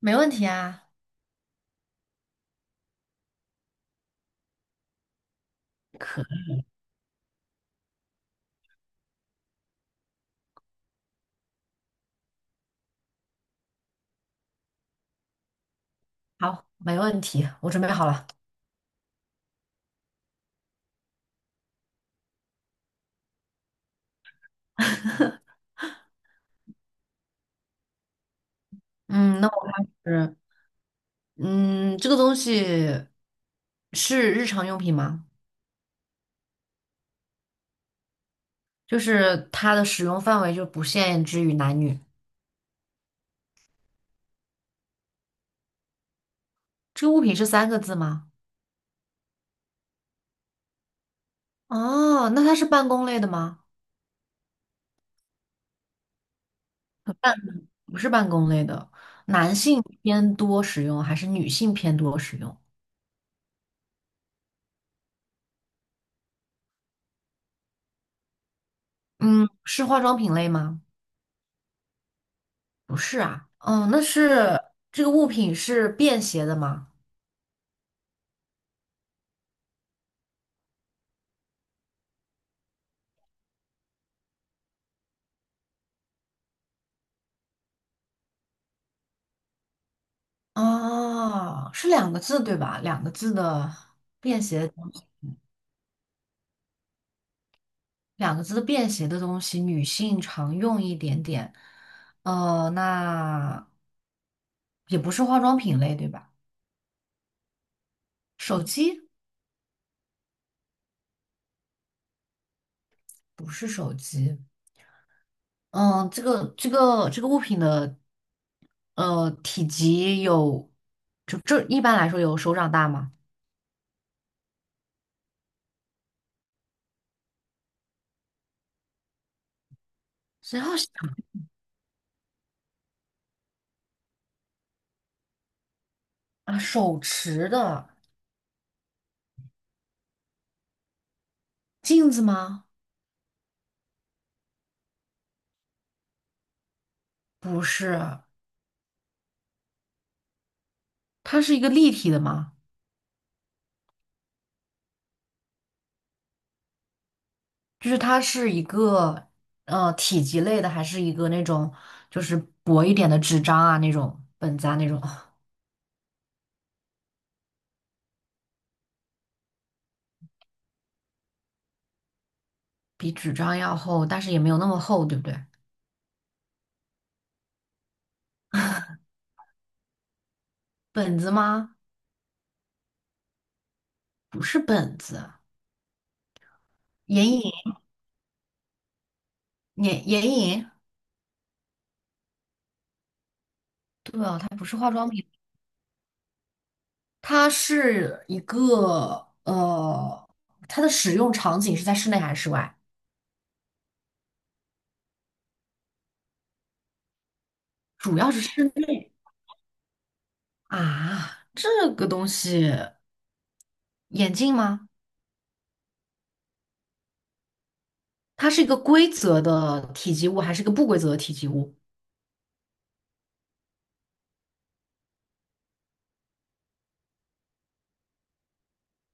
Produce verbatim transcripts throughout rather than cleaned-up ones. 没问题啊。好，没问题，我准备好了。嗯，那我是，嗯，这个东西是日常用品吗？就是它的使用范围就不限制于男女。这个物品是三个字吗？哦，那它是办公类的吗？不是办公类的，男性偏多使用还是女性偏多使用？嗯，是化妆品类吗？不是啊。哦，那是这个物品是便携的吗？哦，是两个字对吧？两个字的便携，两个字的便携的东西，女性常用一点点。呃，那也不是化妆品类对吧？手机不是手机。嗯，这个这个这个物品的呃体积有，就这一般来说有手掌大吗？然后啊，手持的镜子吗？不是，它是一个立体的吗？就是它是一个呃体积类的，还是一个那种就是薄一点的纸张啊那种本子啊那种，比纸张要厚，但是也没有那么厚，对不对？本子吗？不是本子，眼影，眼眼影，对哦，它不是化妆品，它是一个呃，它的使用场景是在室内还是室外？主要是室内啊，这个东西，眼镜吗？它是一个规则的体积物，还是一个不规则的体积物？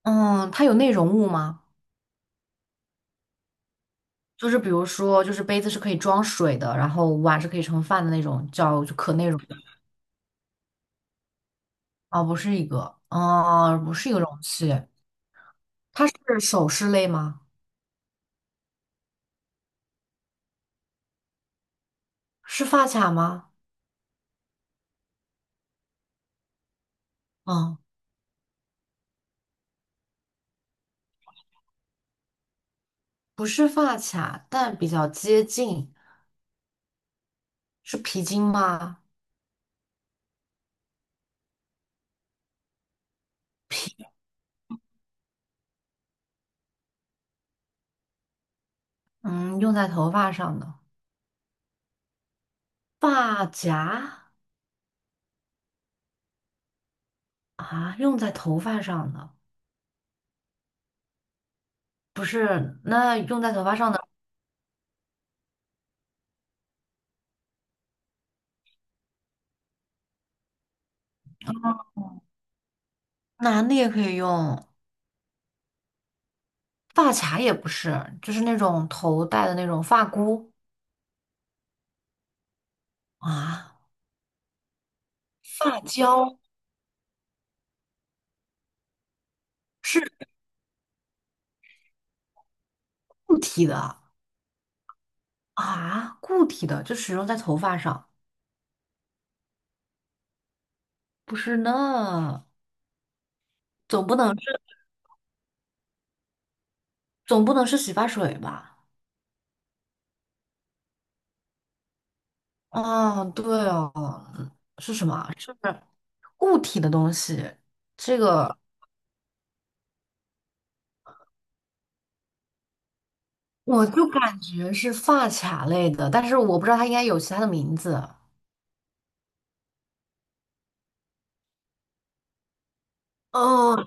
嗯，它有内容物吗？就是比如说，就是杯子是可以装水的，然后碗是可以盛饭的那种，叫就可内容的。哦，不是一个，哦，不是一个容器。它是首饰类吗？是发卡吗？嗯，不是发卡，但比较接近。是皮筋吗？皮，嗯，用在头发上的发夹啊，用在头发上的，不是，那用在头发上的。男的也可以用，发卡也不是，就是那种头戴的那种发箍啊，发胶是固体的啊，固体的就使用在头发上，不是呢，总不能是总不能是洗发水吧？哦，对哦，嗯是什么？是固体的东西，这个我就感觉是发卡类的，但是我不知道它应该有其他的名字。哦，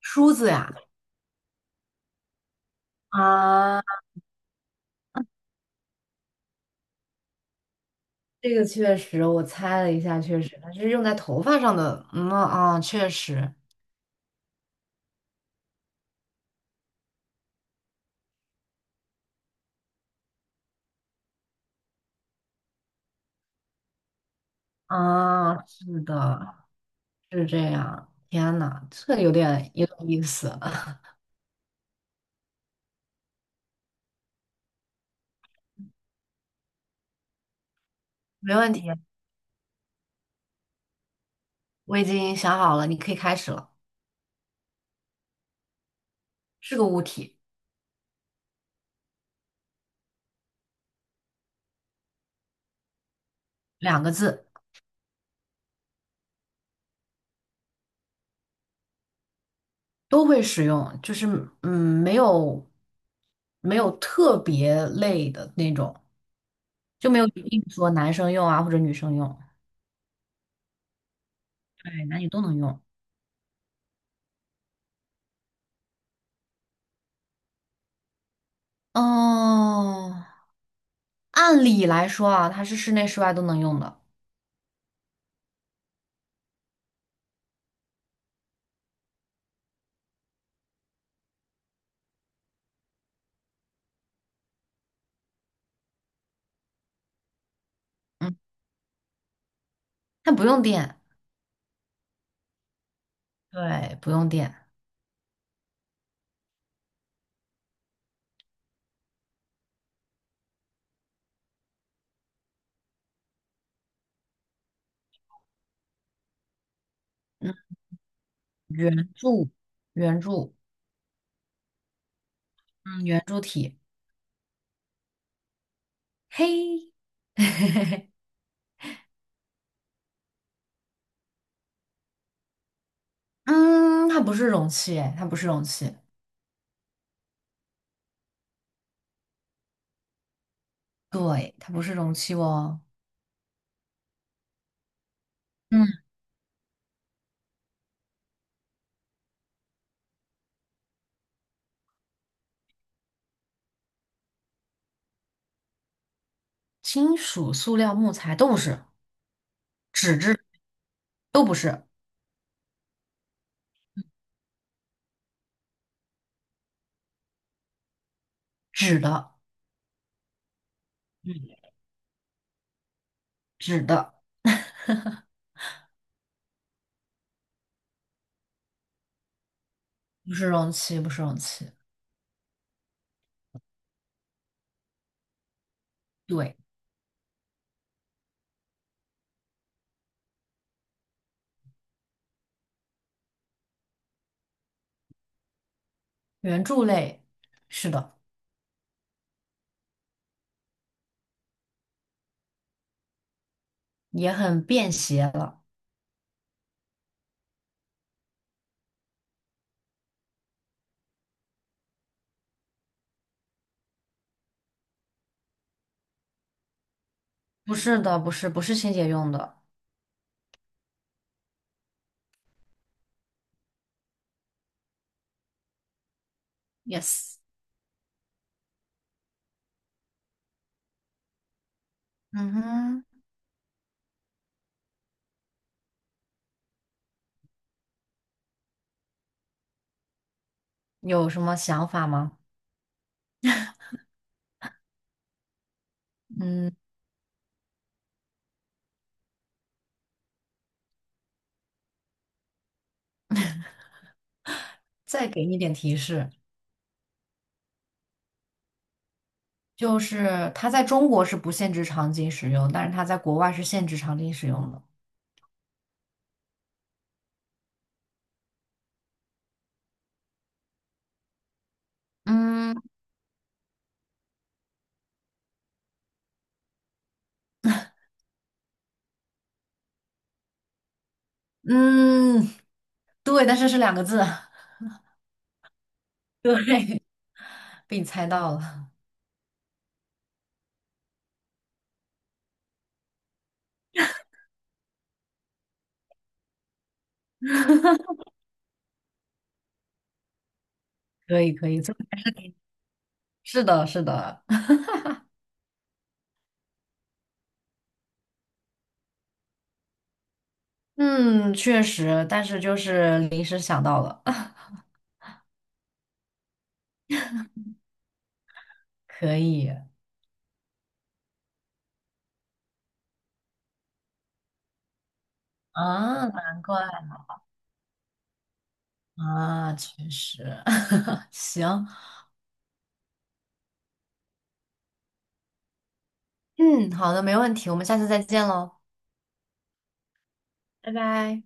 梳子呀，啊。这个确实，我猜了一下，确实，它是用在头发上的。嗯啊，确实啊，是的，是这样。天呐，这有点有点意思。没问题，我已经想好了，你可以开始了。是个物体，两个字，都会使用，就是嗯，没有没有特别类的那种，就没有一定说男生用啊或者女生用，对，男女都能用。哦，按理来说啊，它是室内室外都能用的，嗯，它不用电，对，不用电，嗯，圆柱，圆柱，嗯，圆柱体，嘿，嗯，它不是容器，哎，它不是容器，对，它不是容器哦，嗯，金属、塑料、木材都不是，纸质都不是，纸的，嗯，纸的，不是容器，不是容器，对，圆柱类，是的，也很便携了，不是的，不是，不是清洁用的。Yes,嗯哼，有什么想法吗？嗯，再给你点提示，就是它在中国是不限制场景使用，但是它在国外是限制场景使用的。嗯，嗯，对，但是是两个字。对，被你猜到了，可以可以，这是的，是的，嗯，确实，但是就是临时想到了，可以啊，难怪啊，确实，行，嗯，好的，没问题，我们下次再见喽。拜拜。